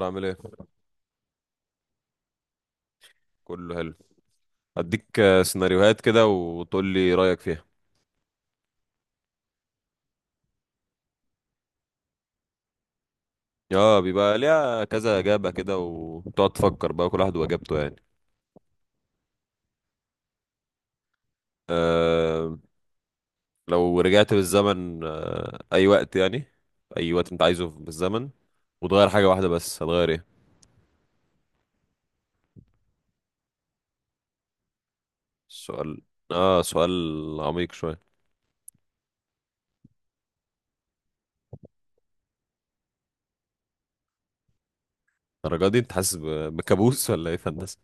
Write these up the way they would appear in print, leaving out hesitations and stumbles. الأخبار عامل ايه؟ كله حلو. هديك سيناريوهات كده وتقول لي رأيك فيها. اه، بيبقى ليها كذا إجابة كده وتقعد تفكر بقى، كل واحد وإجابته يعني. آه لو رجعت بالزمن، أي وقت يعني، أي وقت أنت عايزه في بالزمن، وتغير حاجة واحدة بس هتغير ايه؟ سؤال. اه سؤال عميق شوية. الدرجة دي أنت حاسس بكابوس ولا ايه في هندسة؟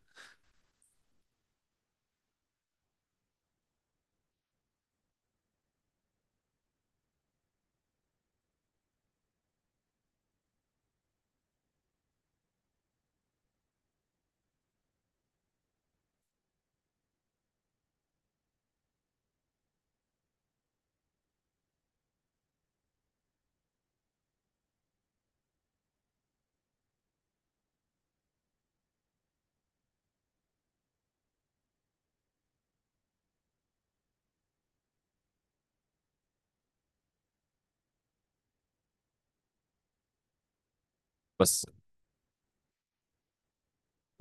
بس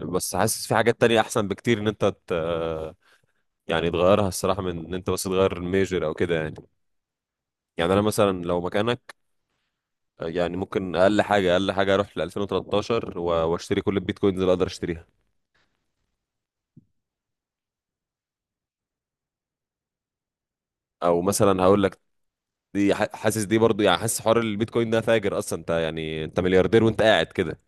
بس حاسس في حاجات تانية أحسن بكتير إن أنت يعني تغيرها الصراحة، من إن أنت بس تغير الميجر أو كده يعني. يعني انا مثلا لو مكانك، يعني ممكن اقل حاجه اقل حاجه اروح ل 2013 واشتري كل البيتكوينز اللي اقدر اشتريها. او مثلا هقول لك، حاسس دي برضو يعني، حاسس حوار البيتكوين ده فاجر اصلا انت، يعني انت ملياردير وانت قاعد كده.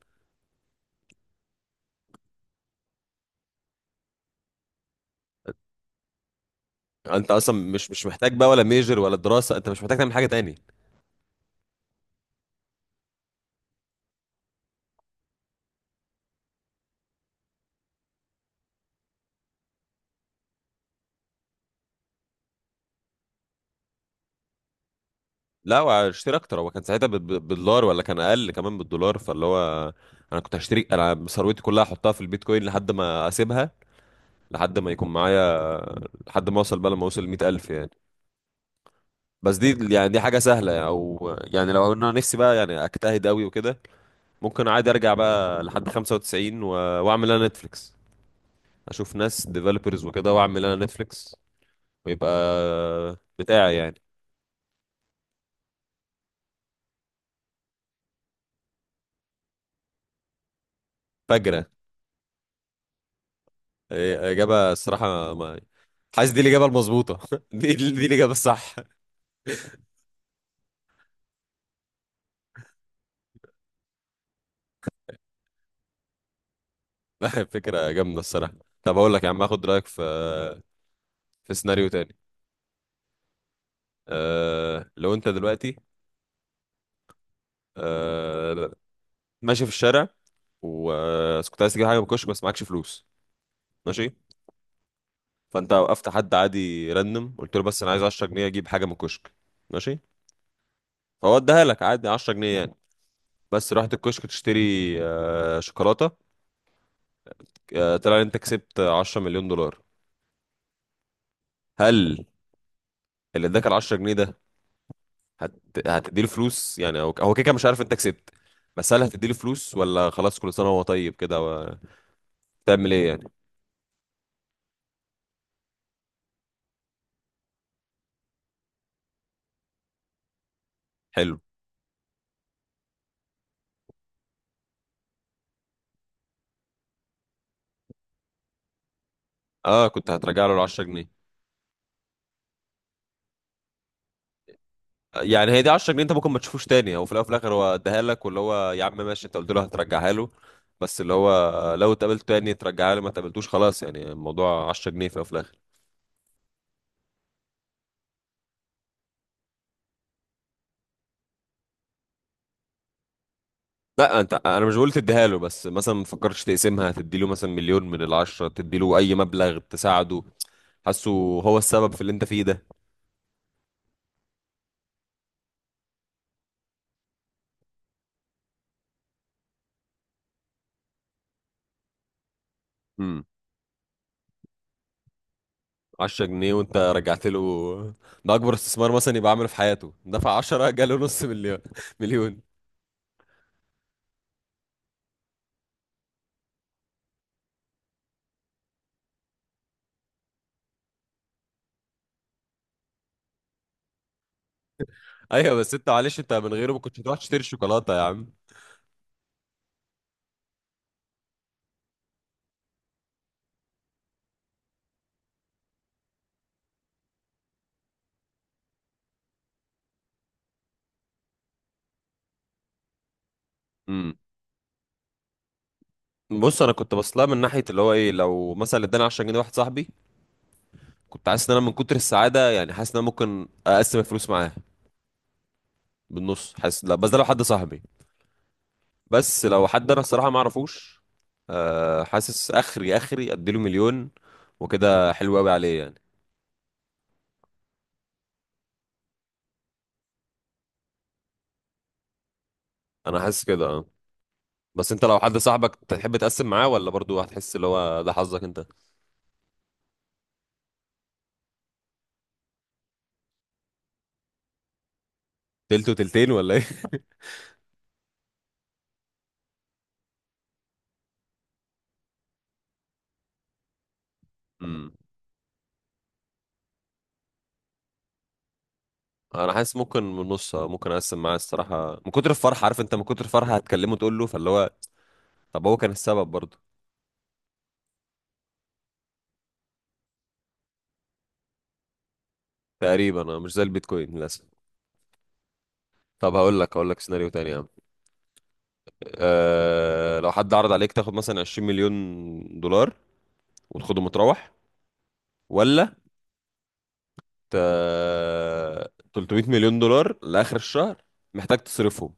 انت اصلا مش محتاج بقى ولا ميجر ولا دراسه، انت مش محتاج تعمل حاجه تاني. لا واشتري اكتر، هو كان ساعتها بالدولار ولا كان اقل كمان بالدولار، فاللي هو انا كنت هشتري، انا ثروتي كلها احطها في البيتكوين لحد ما اسيبها، لحد ما يكون معايا، لحد ما اوصل بقى، لما اوصل 100,000 يعني. بس دي يعني دي حاجة سهلة يعني، او يعني لو انا نفسي بقى يعني اجتهد قوي وكده، ممكن عادي ارجع بقى لحد 95، و... واعمل انا نتفليكس، اشوف ناس ديفلوبرز وكده، واعمل انا نتفليكس ويبقى بتاعي يعني. فجرة. إيه، اجابة الصراحة. ما حاسس دي الاجابة المظبوطة دي الاجابة الصح. فكرة جامدة الصراحة. طب اقول لك يا عم، اخد رأيك في سيناريو تاني. لو انت دلوقتي، أه... ماشي في الشارع، وكنت عايز تجيب حاجه من الكشك بس معكش فلوس، ماشي. فانت وقفت حد عادي راندم قلت له، بس انا عايز 10 جنيه اجيب حاجه من الكشك، ماشي. فهو اداها لك عادي 10 جنيه يعني. بس رحت الكشك تشتري شوكولاته، طلع ان انت كسبت 10 مليون دولار. هل اللي اداك ال 10 جنيه ده هت... هتديله فلوس؟ يعني هو هو كده كده مش عارف انت كسبت، بس هل هتديله فلوس ولا خلاص كل سنه وهو طيب كده، و... تعمل ايه يعني؟ حلو. اه، كنت هترجع له ال 10 جنيه. يعني هي دي 10 جنيه، انت ممكن ما تشوفوش تاني، هو في الاول وفي الاخر هو اداها لك، واللي هو يا عم ماشي انت قلت له هترجعها له، بس اللي هو لو اتقابلت تاني ترجعها له، ما اتقابلتوش خلاص، يعني الموضوع 10 جنيه في الاول وفي الاخر. لا انت، انا مش بقول تديها له، بس مثلا ما تفكرش تقسمها، تدي له مثلا مليون من العشرة، تدي له اي مبلغ تساعده. حاسه هو السبب في اللي انت فيه ده. امم. 10 جنيه وانت رجعت له، ده اكبر استثمار مثلا يبقى عامله في حياته، دفع 10 جاله نص مليون مليون. ايوه، بس انت معلش، انت من غيره ما كنتش هتروح تشتري شوكولاته يا عم. امم. بص، انا كنت بصلها من ناحيه اللي هو ايه، لو مثلا اداني 10 جنيه واحد صاحبي، كنت حاسس ان انا من كتر السعاده يعني، حاسس ان انا ممكن اقسم الفلوس معاه بالنص. حاسس لا، بس ده لو حد صاحبي، بس لو حد انا الصراحه ما اعرفوش، حاسس اخري اخري اديله مليون، وكده حلو قوي عليه يعني. انا حاسس كده، اه. بس انت لو حد صاحبك تحب تقسم معاه، ولا برضو هتحس اللي هو ده حظك انت؟ تلت وتلتين ولا ايه؟ انا حاسس ممكن من نص، ممكن اقسم معاه الصراحه من كتر الفرحه، عارف انت من كتر الفرحه هتكلمه تقول له، فاللي هو طب هو كان السبب برضه. تقريبا انا مش زي البيتكوين للاسف. طب هقول لك سيناريو تاني يا عم. لو حد عرض عليك تاخد مثلا 20 مليون دولار وتاخده متروح، ولا ت... 300 مليون دولار لاخر الشهر محتاج تصرفهم،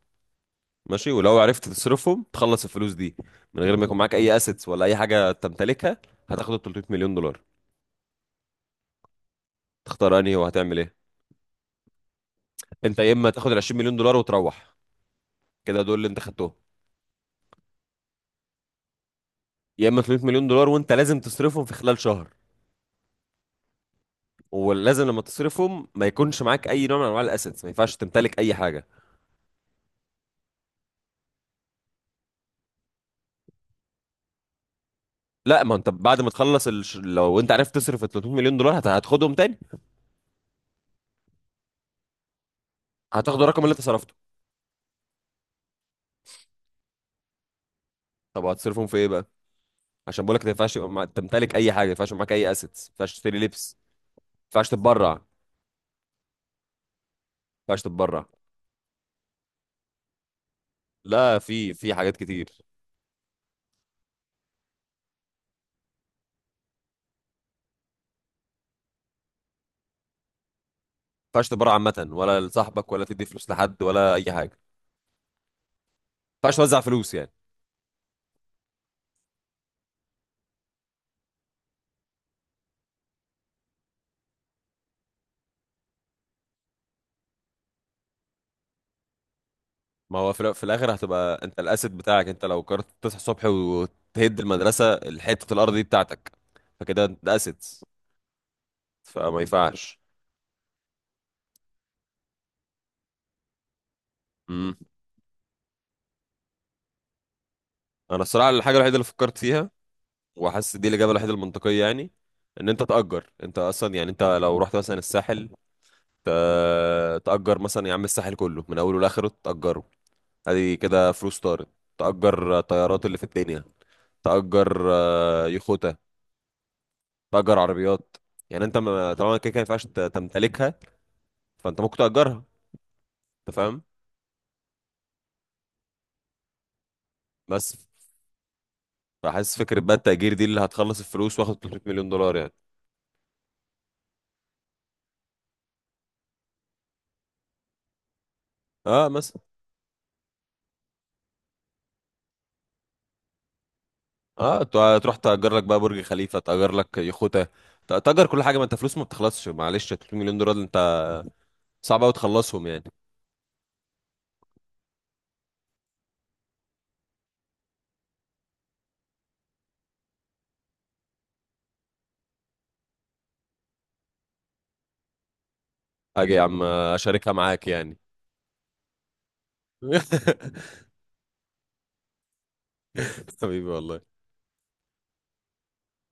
ماشي، ولو عرفت تصرفهم تخلص الفلوس دي من غير ما يكون معاك اي اسيتس ولا اي حاجه تمتلكها، هتاخد ال 300 مليون دولار. تختار انهي وهتعمل ايه؟ انت يا اما تاخد ال 20 مليون دولار وتروح، كده دول اللي انت خدتهم، يا اما 300 مليون دولار وانت لازم تصرفهم في خلال شهر. ولازم لما تصرفهم ما يكونش معاك اي نوع من انواع الاسيتس، ما ينفعش تمتلك اي حاجه. لا ما انت بعد ما تخلص لو انت عرفت تصرف ال 300 مليون دولار هتاخدهم تاني. هتاخد الرقم اللي انت صرفته. طب هتصرفهم في ايه بقى؟ عشان بقولك ما ينفعش يبقى تمتلك اي حاجه، ما ينفعش يبقى معاك اي اسيتس، ما ينفعش تشتري لبس، ما ينفعش تتبرع. ما ينفعش تتبرع. لا، في حاجات كتير، ما ينفعش تتبرع عامه ولا لصاحبك ولا تدي فلوس لحد ولا اي حاجه، ما ينفعش توزع فلوس يعني. ما هو في الاخر هتبقى انت الاسد بتاعك، انت لو قررت تصحى الصبح وتهد المدرسه الحته الارض دي بتاعتك، فكده انت ده اسد، فما ينفعش. امم. انا الصراحه الحاجه الوحيده اللي فكرت فيها، وحاسس دي الاجابه الوحيده المنطقيه يعني، ان انت تاجر. انت اصلا يعني، انت لو رحت مثلا الساحل، تاجر مثلا يا عم الساحل كله من اوله لاخره تاجره. ادي كده فلوس طارت. تاجر طيارات اللي في الدنيا، تاجر يخوتة، تاجر عربيات. يعني انت طالما كده كده ما ينفعش تمتلكها، فانت ممكن تأجرها. انت فاهم؟ بس فحاسس فكرة بقى التأجير دي اللي هتخلص الفلوس واخد 300 مليون دولار يعني. اه مثلا. اه تروح تأجر لك بقى برج خليفة، تأجر لك يخوتة، تأجر كل حاجة، ما انت فلوس ما بتخلصش، معلش 300 مليون دولار انت، صعب قوي تخلصهم يعني. اجي يا عم اشاركها معاك يعني. حبيبي والله.